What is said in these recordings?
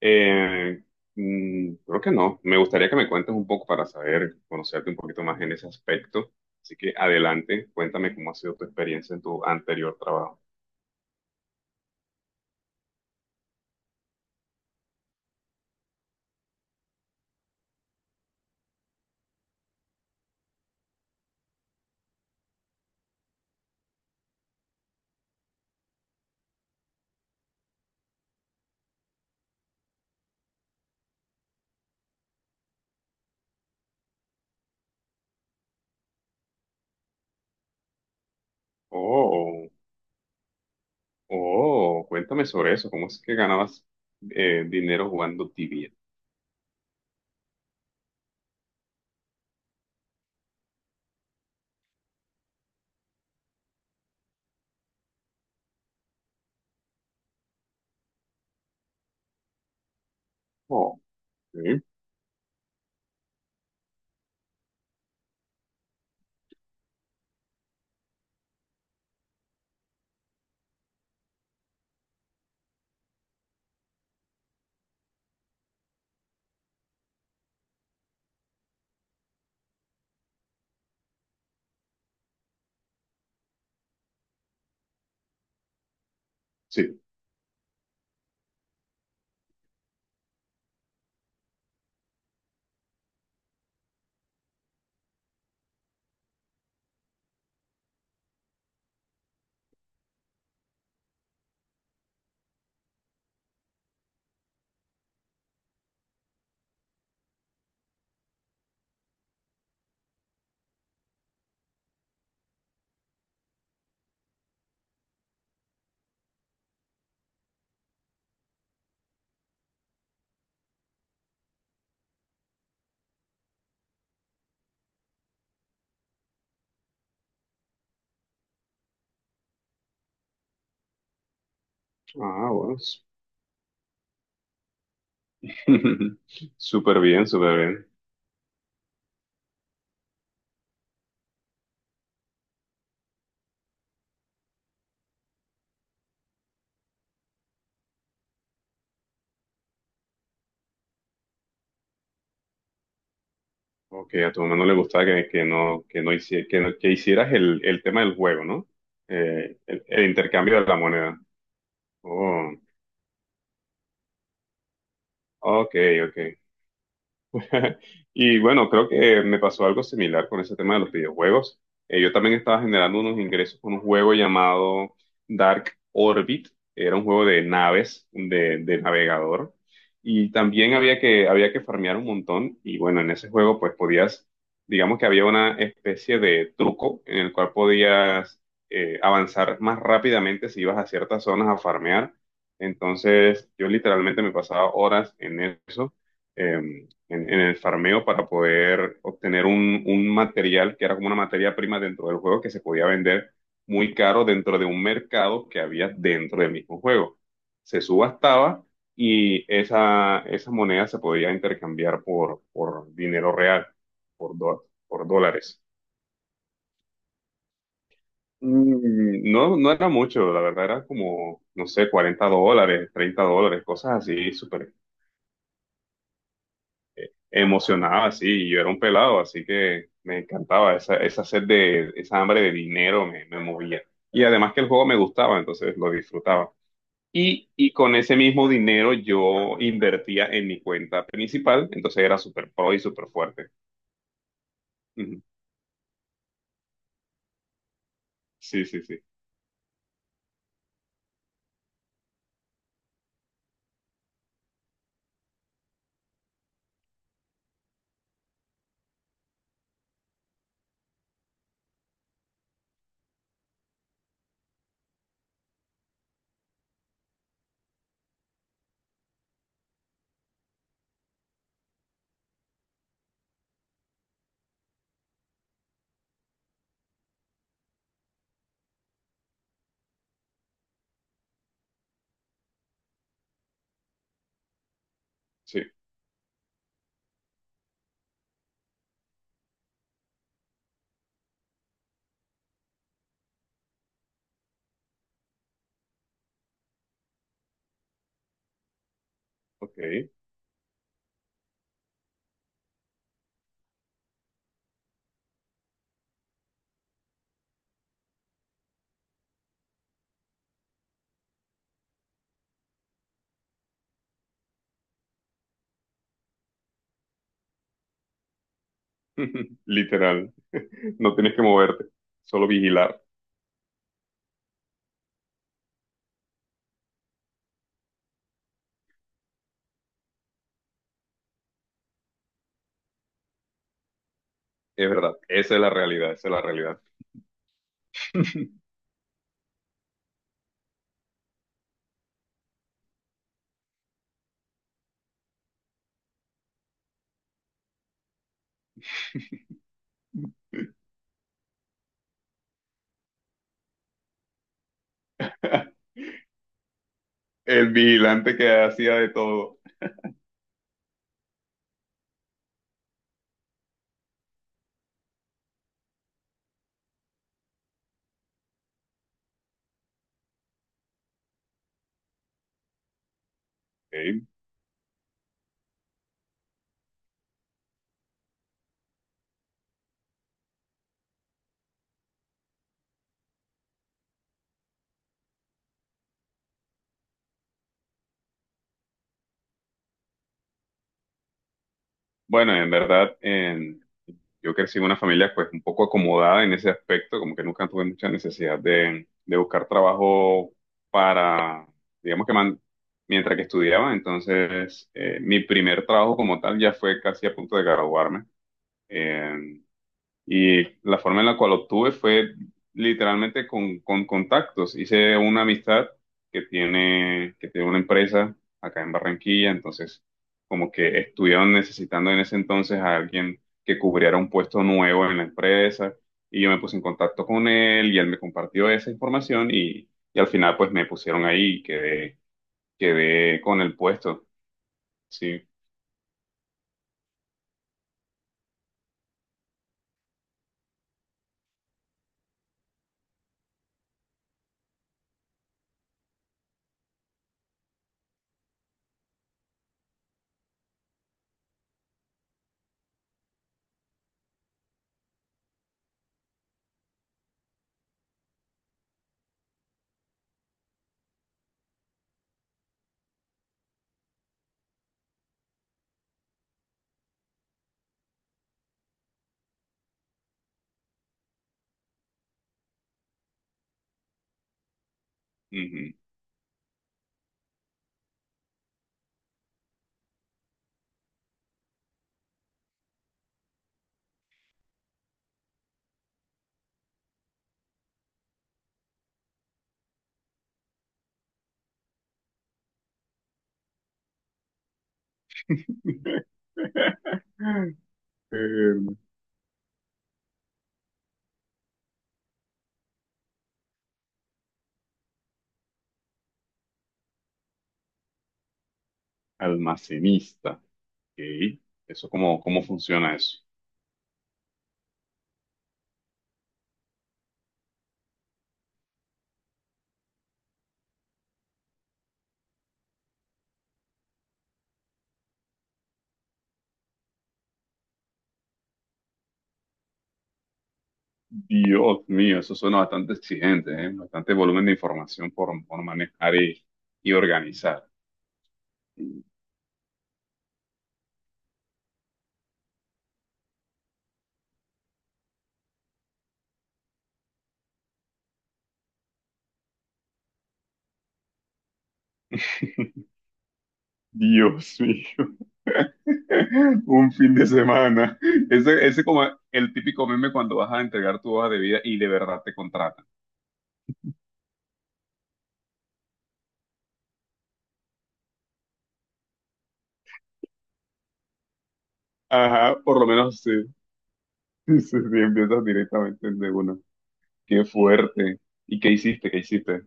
Eh, Creo que no. Me gustaría que me cuentes un poco para saber, conocerte un poquito más en ese aspecto. Así que adelante, cuéntame cómo ha sido tu experiencia en tu anterior trabajo. Oh, oh, cuéntame sobre eso. ¿Cómo es que ganabas dinero jugando tibia? Oh, sí. Sí. Ah, bueno. Súper bien, súper bien. Ok, a tu mamá no le gustaba que no, hici- que no- que hicieras el tema del juego, ¿no? El intercambio de la moneda. Oh. Ok, ok. Y bueno, creo que me pasó algo similar con ese tema de los videojuegos. Yo también estaba generando unos ingresos con un juego llamado Dark Orbit. Era un juego de naves, de navegador. Y también había que farmear un montón. Y bueno, en ese juego pues digamos que había una especie de truco en el cual podías avanzar más rápidamente si ibas a ciertas zonas a farmear. Entonces yo literalmente me pasaba horas en eso. Em, en el farmeo para poder obtener un material que era como una materia prima dentro del juego que se podía vender muy caro dentro de un mercado que había dentro del mismo juego. Se subastaba y esa moneda se podía intercambiar por dinero real, por dólares. No, no era mucho, la verdad era como, no sé, $40, $30, cosas así, súper emocionaba así, y yo era un pelado, así que me encantaba esa sed de, esa hambre de dinero me movía. Y además que el juego me gustaba, entonces lo disfrutaba. Y con ese mismo dinero yo invertía en mi cuenta principal, entonces era súper pro y súper fuerte. Ujú. Sí, sí, sí, sí, ok. Literal, no tienes que moverte, solo vigilar. Es verdad, esa es la realidad, esa es la realidad. El vigilante que hacía de todo. Ok, bueno, en verdad, yo crecí en una familia pues un poco acomodada en ese aspecto, como que nunca tuve mucha necesidad de buscar trabajo para, digamos que man- mientras que estudiaba, entonces mi primer trabajo como tal ya fue casi a punto de graduarme. eh, y la forma en la cual obtuve fue literalmente con contactos. Hice una amistad que tiene una empresa acá en Barranquilla, entonces como que estuvieron necesitando en ese entonces a alguien que cubriera un puesto nuevo en la empresa y yo me puse en contacto con él y él me compartió esa información y al final pues me pusieron ahí y quedé con el puesto. Sí. Ujú. Eh, Almacenista. Ok. ¿Eso cómo funciona eso? Dios mío, eso suena bastante exigente, ¿eh? Bastante volumen de información por manejar y organizar. Mm. Dios mío. Un fin de semana. Ese como el típico meme cuando vas a entregar tu hoja de vida y de verdad te contratan. Ajá, por lo menos sí. Sí, sí, sí, empiezas directamente de uno. Qué fuerte. ¿Y qué hiciste? ¿Qué hiciste?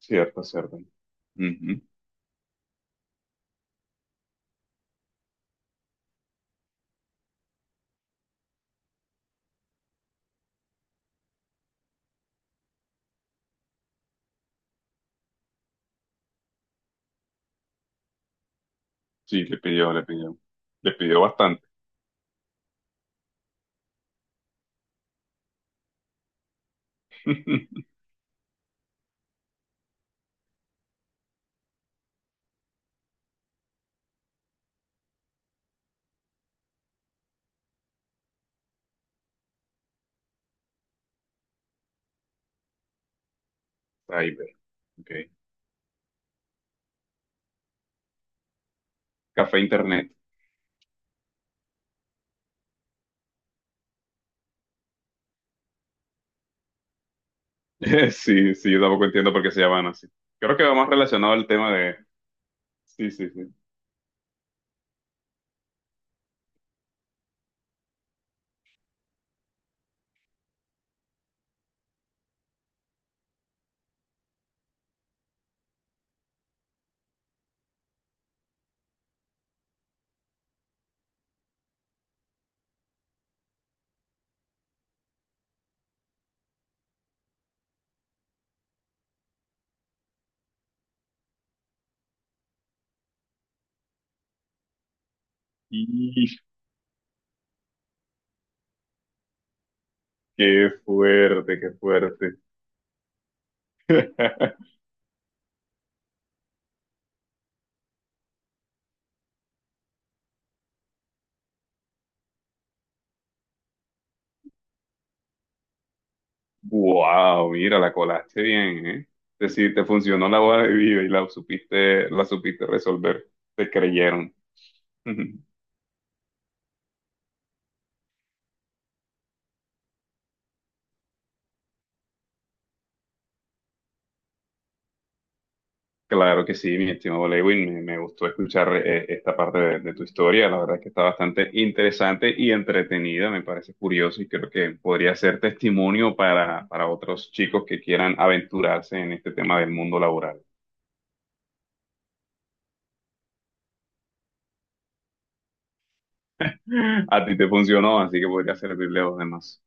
Cierto, cierto. Ujú. Sí, le pidió, le pidió. Le pidió bastante. Cyber, ok. Café Internet. Sí, sí, yo tampoco entiendo por qué se llaman así. Creo que va más relacionado al tema de... Sí, sí, sí. Qué fuerte, qué fuerte. Wow, mira, la colaste bien, ¿eh? Es decir, te funcionó la boda de vida y la supiste resolver. Te creyeron. Claro que sí, mi estimado Lewin, me gustó escuchar esta parte de tu historia. La verdad que está bastante interesante y entretenida, me parece curioso y creo que podría ser testimonio para otros chicos que quieran aventurarse en este tema del mundo laboral. A ti te funcionó, así que podría servirle a los demás.